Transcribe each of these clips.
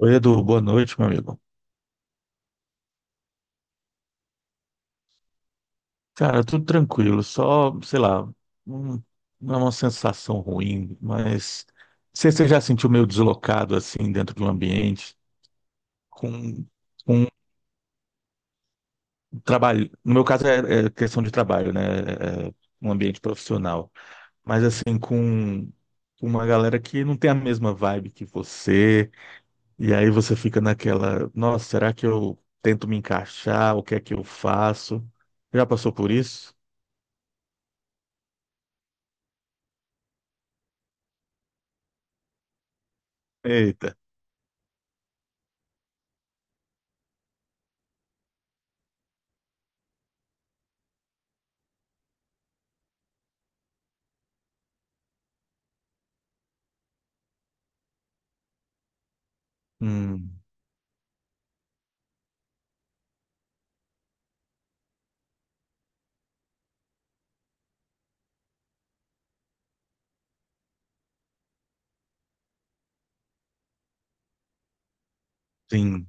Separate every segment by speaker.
Speaker 1: Oi, Edu, boa noite, meu amigo. Cara, tudo tranquilo, só, sei lá, um- não é uma sensação ruim, mas você já sentiu meio deslocado assim dentro de um ambiente com, com trabalho? No meu caso é questão de trabalho, né? É um ambiente profissional, mas assim, com uma galera que não tem a mesma vibe que você, e aí você fica naquela, nossa, será que eu tento me encaixar? O que é que eu faço? Já passou por isso? Eita. Hum, sim.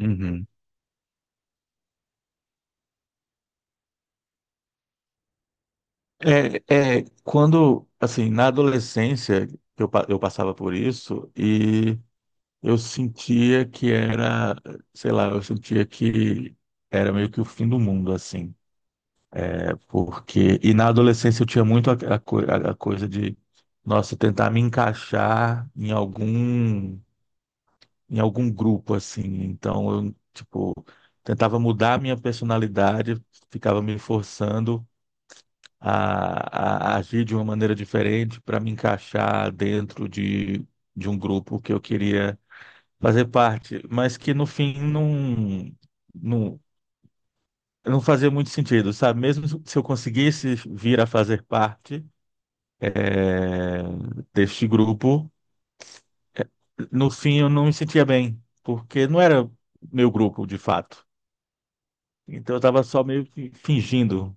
Speaker 1: Uhum. Quando, assim, na adolescência, eu passava por isso e eu sentia que era, sei lá, eu sentia que era meio que o fim do mundo, assim, é. Porque, e na adolescência eu tinha muito a coisa de, nossa, tentar me encaixar em em algum grupo, assim. Então, eu, tipo, tentava mudar a minha personalidade, ficava me forçando a agir de uma maneira diferente para me encaixar de um grupo que eu queria fazer parte, mas que no fim não, não fazia muito sentido, sabe? Mesmo se eu conseguisse vir a fazer parte, eh, deste grupo, no fim eu não me sentia bem, porque não era meu grupo de fato. Então eu estava só meio que fingindo.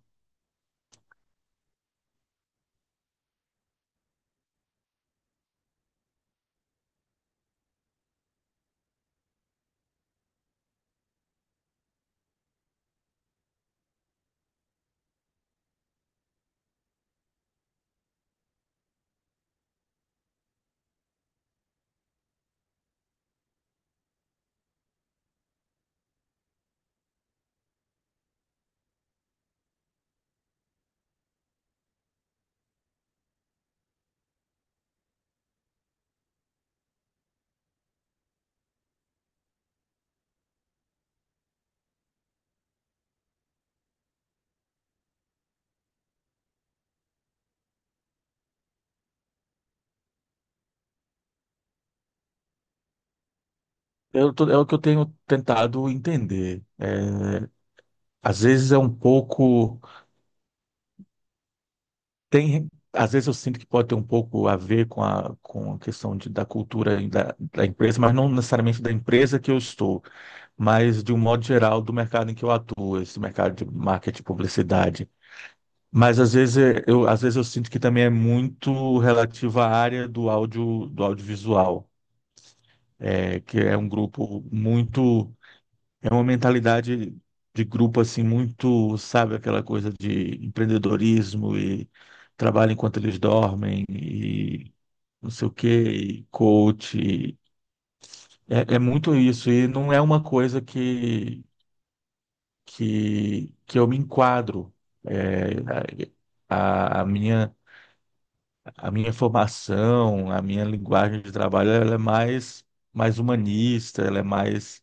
Speaker 1: É o que eu tenho tentado entender. É, às vezes é um pouco. Tem, às vezes eu sinto que pode ter um pouco a ver com a questão da cultura e da empresa, mas não necessariamente da empresa que eu estou, mas de um modo geral do mercado em que eu atuo, esse mercado de marketing e publicidade. Mas às vezes às vezes eu sinto que também é muito relativo à área do áudio, do audiovisual, é, que é um grupo muito, é uma mentalidade de grupo assim muito, sabe, aquela coisa de empreendedorismo e trabalho enquanto eles dormem e não sei o quê, e coach. É, é muito isso e não é uma coisa que eu me enquadro. É, a minha, a minha formação, a minha linguagem de trabalho, ela é mais, mais humanista, ela é mais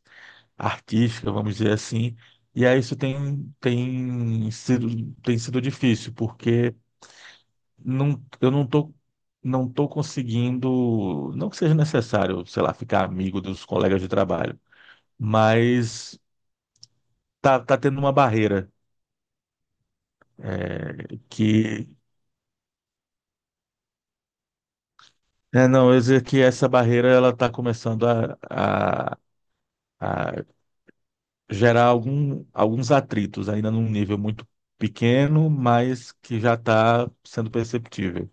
Speaker 1: artística, vamos dizer assim. E aí isso tem sido difícil, porque não, eu não tô, não tô conseguindo, não que seja necessário, sei lá, ficar amigo dos colegas de trabalho, mas tá tendo uma barreira, é, que é, não, eu ia dizer que essa barreira ela está começando a gerar alguns atritos, ainda num nível muito pequeno, mas que já está sendo perceptível.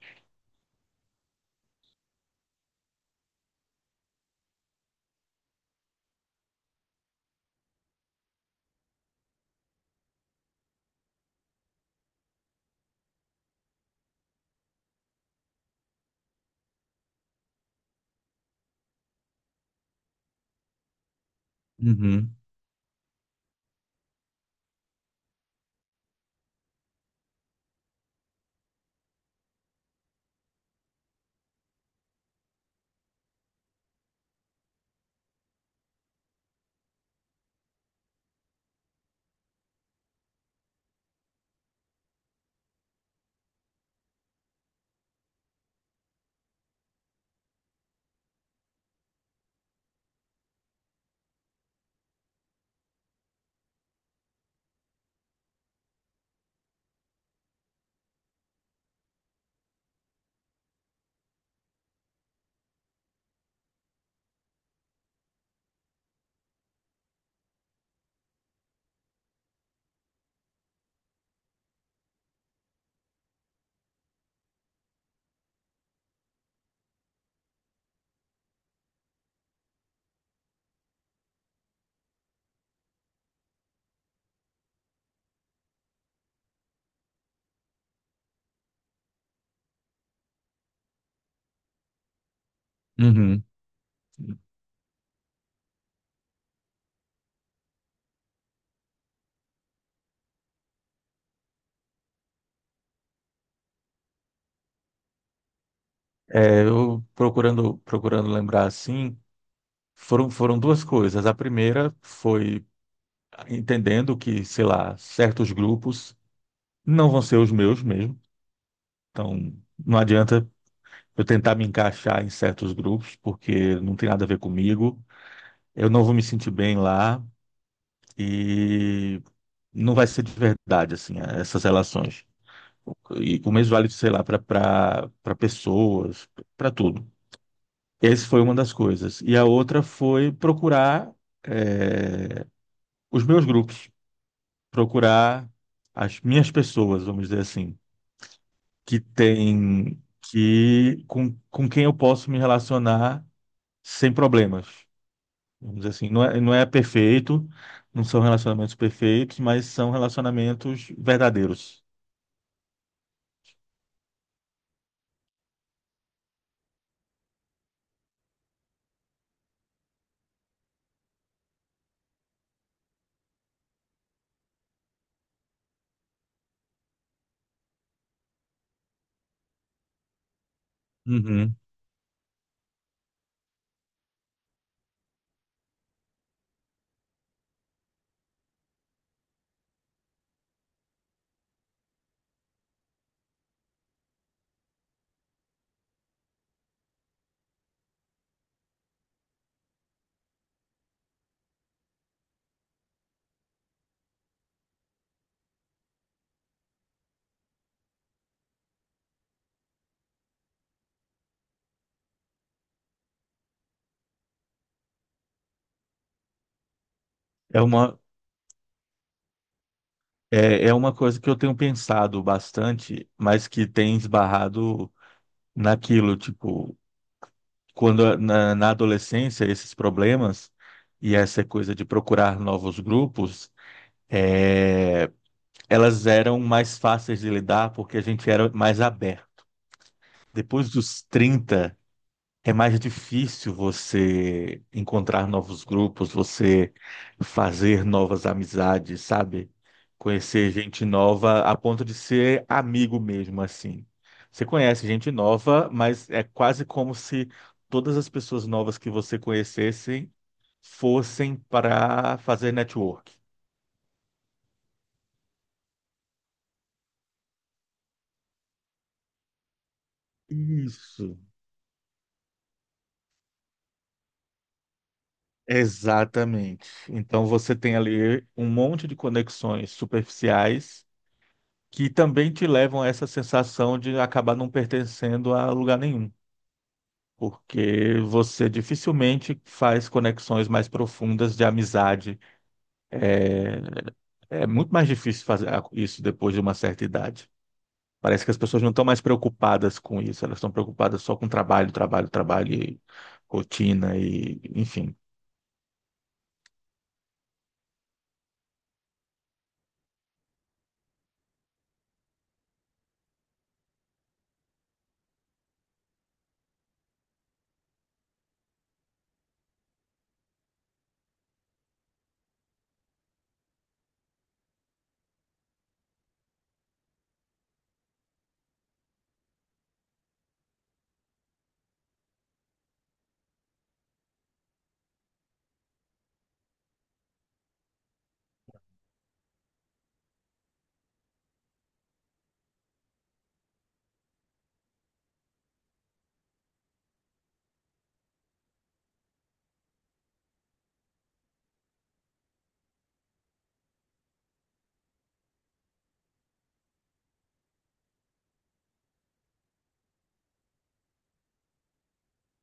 Speaker 1: Uhum, uhum. É, eu procurando, procurando lembrar assim, foram, foram duas coisas. A primeira foi entendendo que, sei lá, certos grupos não vão ser os meus mesmo. Então, não adianta eu tentar me encaixar em certos grupos, porque não tem nada a ver comigo. Eu não vou me sentir bem lá e não vai ser de verdade, assim, essas relações. E o mesmo vale, sei lá, para pessoas, para tudo. Essa foi uma das coisas. E a outra foi procurar eh, os meus grupos, procurar as minhas pessoas, vamos dizer assim, que tem que com quem eu posso me relacionar sem problemas. Vamos dizer assim, não é perfeito, não são relacionamentos perfeitos, mas são relacionamentos verdadeiros. Uhum. É uma, é uma coisa que eu tenho pensado bastante, mas que tem esbarrado naquilo, tipo, quando na adolescência esses problemas e essa coisa de procurar novos grupos, é, elas eram mais fáceis de lidar porque a gente era mais aberto. Depois dos 30 é mais difícil você encontrar novos grupos, você fazer novas amizades, sabe? Conhecer gente nova a ponto de ser amigo mesmo, assim. Você conhece gente nova, mas é quase como se todas as pessoas novas que você conhecessem fossem para fazer network. Isso. Exatamente. Então você tem ali um monte de conexões superficiais que também te levam a essa sensação de acabar não pertencendo a lugar nenhum, porque você dificilmente faz conexões mais profundas de amizade. É muito mais difícil fazer isso depois de uma certa idade. Parece que as pessoas não estão mais preocupadas com isso, elas estão preocupadas só com trabalho, trabalho, trabalho, e rotina e enfim.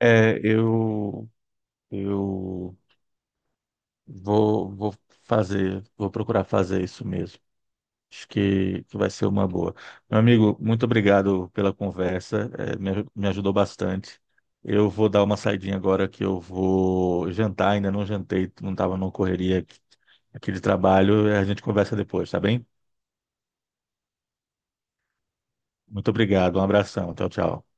Speaker 1: É, eu vou fazer, vou procurar fazer isso mesmo. Acho que vai ser uma boa. Meu amigo, muito obrigado pela conversa, me ajudou bastante. Eu vou dar uma saidinha agora que eu vou jantar, ainda não jantei, não estava numa correria aqui de trabalho, a gente conversa depois, tá bem? Muito obrigado, um abração, tchau, tchau.